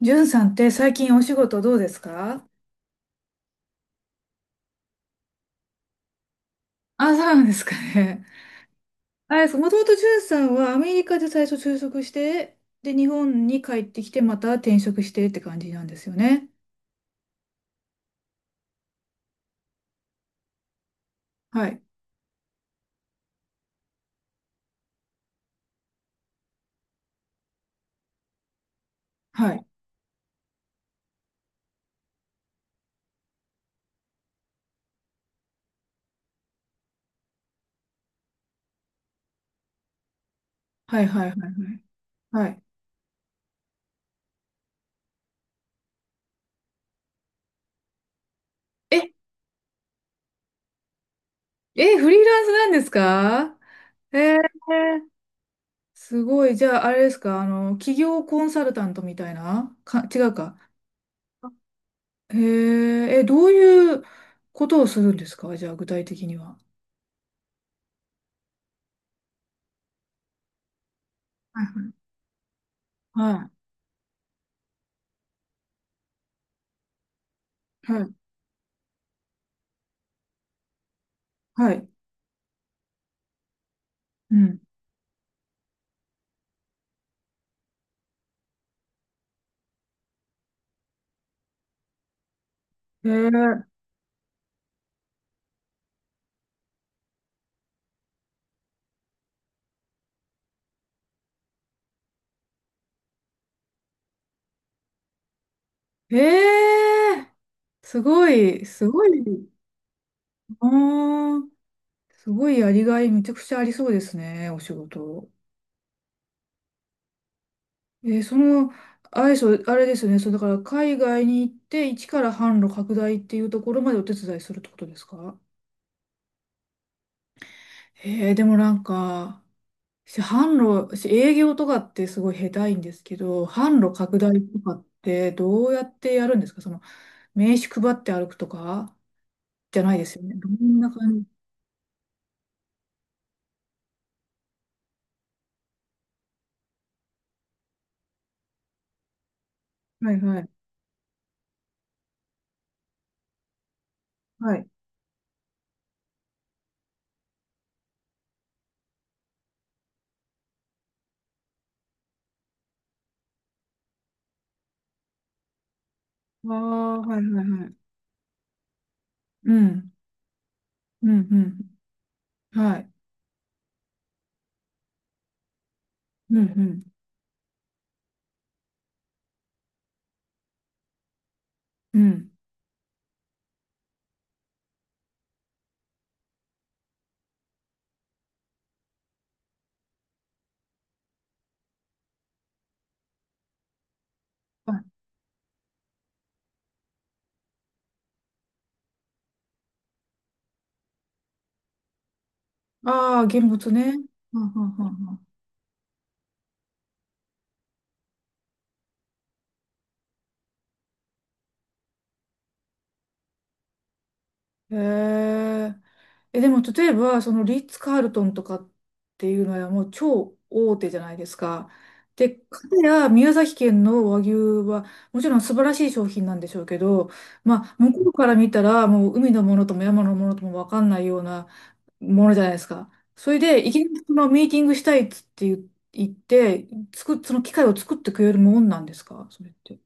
じゅんさんって最近お仕事どうですか？あ、そうなんですかね。あれです、もともとじゅんさんはアメリカで最初就職して、で、日本に帰ってきて、また転職してって感じなんですよね。はい。はい。はいはいはいはい。はい。え、え、フリーランスなんですか？えー、すごい。じゃあ、あれですか、あの、企業コンサルタントみたいなか、違うか。へえ、え、どういうことをするんですか？じゃあ、具体的には。はいはい。はい。はい。うん。へえー、へえー、すごい、すごい。あー、すごいやりがいめちゃくちゃありそうですね、お仕事。えーその、あれ、そうあれですよね、そう、だから海外に行って、一から販路拡大っていうところまでお手伝いするってことですか？へえー。でもなんか、販路、私営業とかってすごい下手いんですけど、販路拡大とかってどうやってやるんですか？その、名刺配って歩くとかじゃないですよね。どんな感じ？はいはい。はい。ああ、はいはいはい。うん。うんうん。はい。うんうん。うん。はい。ああ、現物ね。はんはんはんはん。へえ。え、でも例えば、そのリッツ・カールトンとかっていうのはもう超大手じゃないですか。で、かたや宮崎県の和牛はもちろん素晴らしい商品なんでしょうけど、まあ、向こうから見たらもう海のものとも山のものとも分かんないようなものじゃないですか。それで、いきなりそのミーティングしたいっつって言って、その機会を作ってくれるもんなんですかそれって？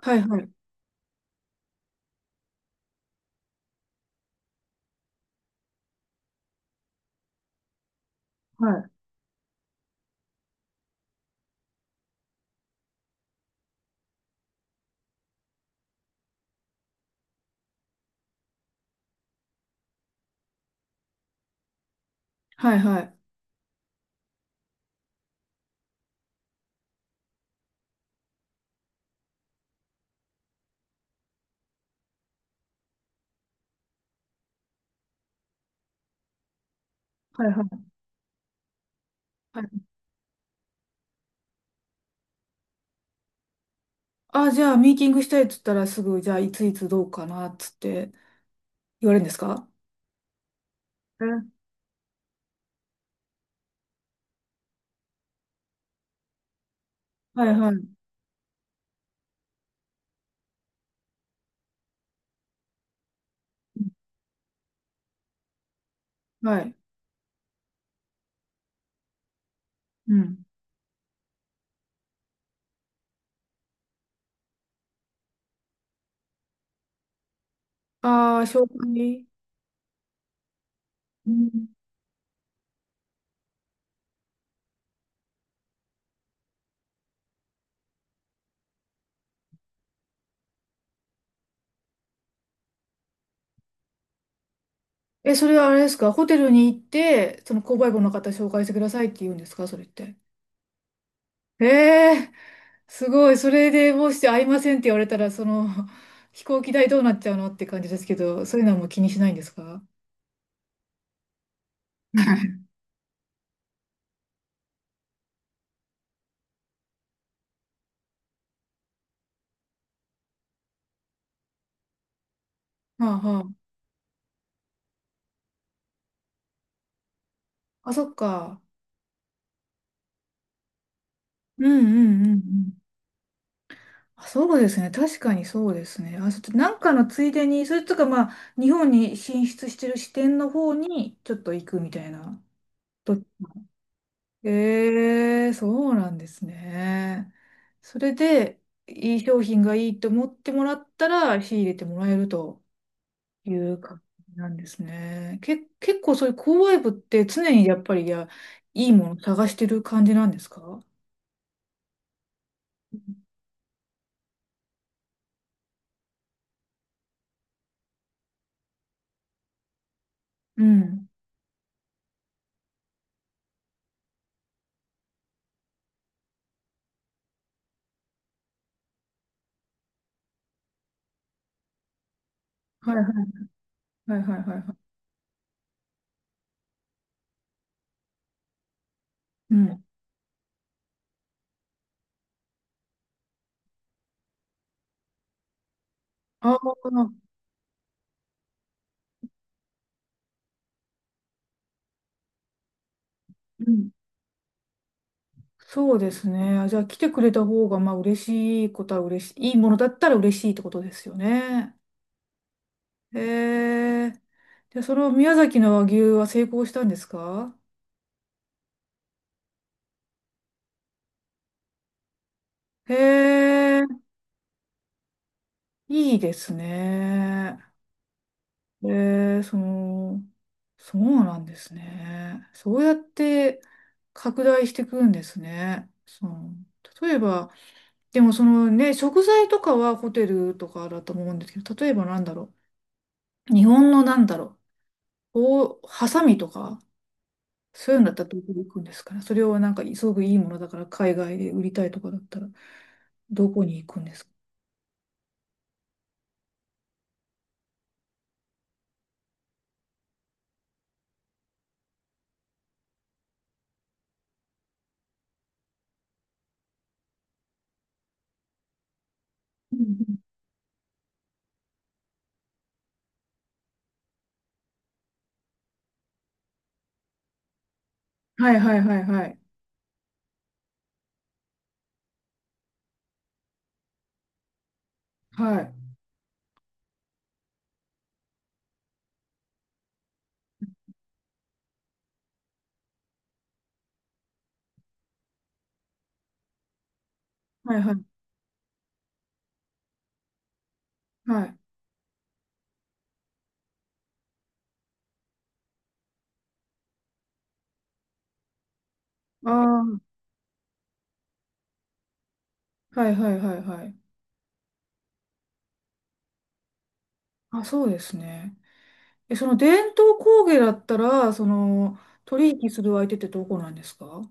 はいはい。はい。はいはい。はいはい。はい。あ、じゃあ、ミーティングしたいっつったらすぐ、じゃあ、いついつどうかなっつって言われるんですか？えはいはい。はい。うん。ああ、紹介。うん。え、それはあれですか？ホテルに行って、その購買部の方紹介してくださいって言うんですかそれって？へえ。すごい。それでもし会いませんって言われたら、その、飛行機代どうなっちゃうのって感じですけど、そういうのはもう気にしないんですかあはあ。あ、そっか。うんうんうんうん。あ、そうですね。確かにそうですね。あ、ちょっとなんかのついでに、それとかまあ、日本に進出してる支店の方にちょっと行くみたいな。とそうなんですね。それで、いい商品がいいと思ってもらったら、仕入れてもらえると。いう感じなんですね。結構そういう購買部って常にやっぱり、いや、いいもの探してる感じなんですか？うん。はいはいはいはいはいはい。うん。ああ、うん。そうですね。あ、じゃあ来てくれた方が、まあ嬉しいことは嬉しい。いいものだったら嬉しいってことですよね。へえ。で、その宮崎の和牛は成功したんですか？へえ、いいですね。えー、その、そうなんですね。そうやって拡大していくんですね。その、例えば、でもそのね、食材とかはホテルとかだと思うんですけど、例えばなんだろう。日本のなんだろう。こう、ハサミとか、そういうのだったらどこに行くんですかね。それをなんか、すごくいいものだから、海外で売りたいとかだったら、どこに行くんですか。うんうん。はいはいはいはい。はい。はいはいはい。ああ、はいはいはいはい。あ、そうですね。え、その伝統工芸だったら、その、取引する相手ってどこなんですか？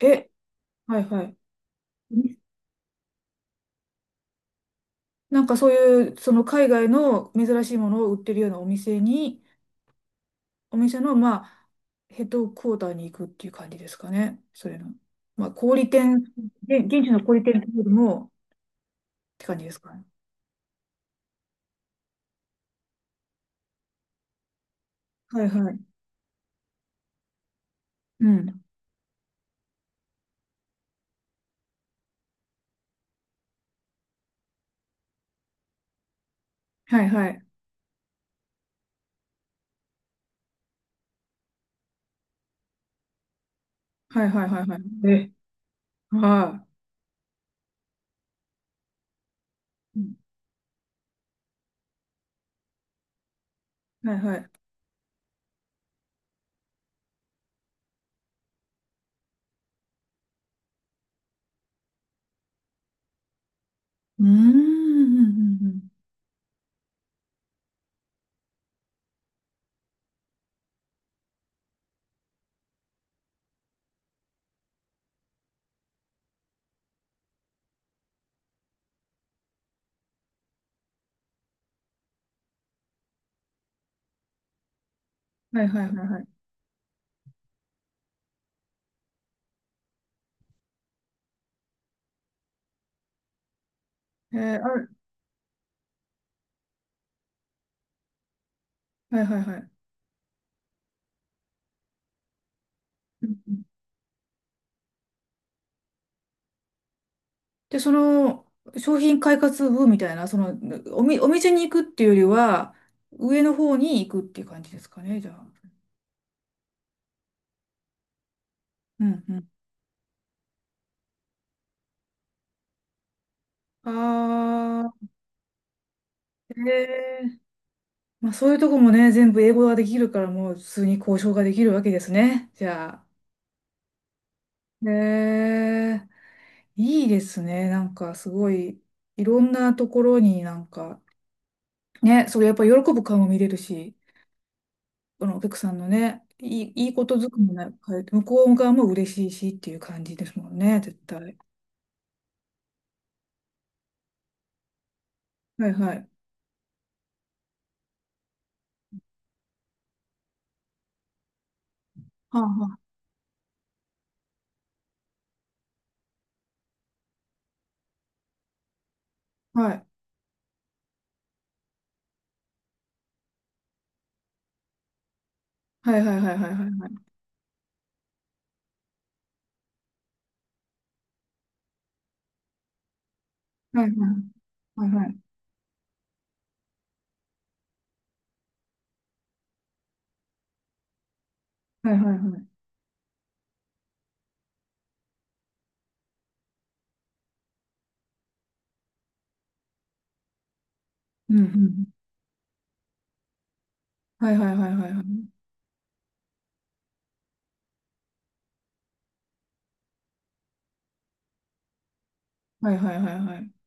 え、はいはい。なんかそういう、その海外の珍しいものを売ってるようなお店に、お店の、まあ、ヘッドクォーターに行くっていう感じですかね。それの。まあ、小売店、現地の小売店というよりも、って感じですかね。はいはい。うん。はいはい。はいはいはいはい。え、はい。うん。はいはい。うーん。うんうんうん。はいはいはいはい。えー、あるはいはいはい。うんうん。で、その商品開発部みたいな、そのお店に行くっていうよりは、上の方に行くっていう感じですかね、じゃあ。うんうん。あー、えー、まあそういうとこもね、全部英語ができるから、もう普通に交渉ができるわけですね、じゃあ。へえ、いいですね、なんかすごい、いろんなところになんか、ね、それやっぱ喜ぶ顔も見れるし。あの、お客さんのね、いいことずくめな、向こう側も嬉しいしっていう感じですもんね、絶対。はいはい。はあはあ、はい。はいはいはいはいはいはい。はいはいはいはい。はいはいはい。うんうん。はいはいはいはいはい。はいはいはいはい。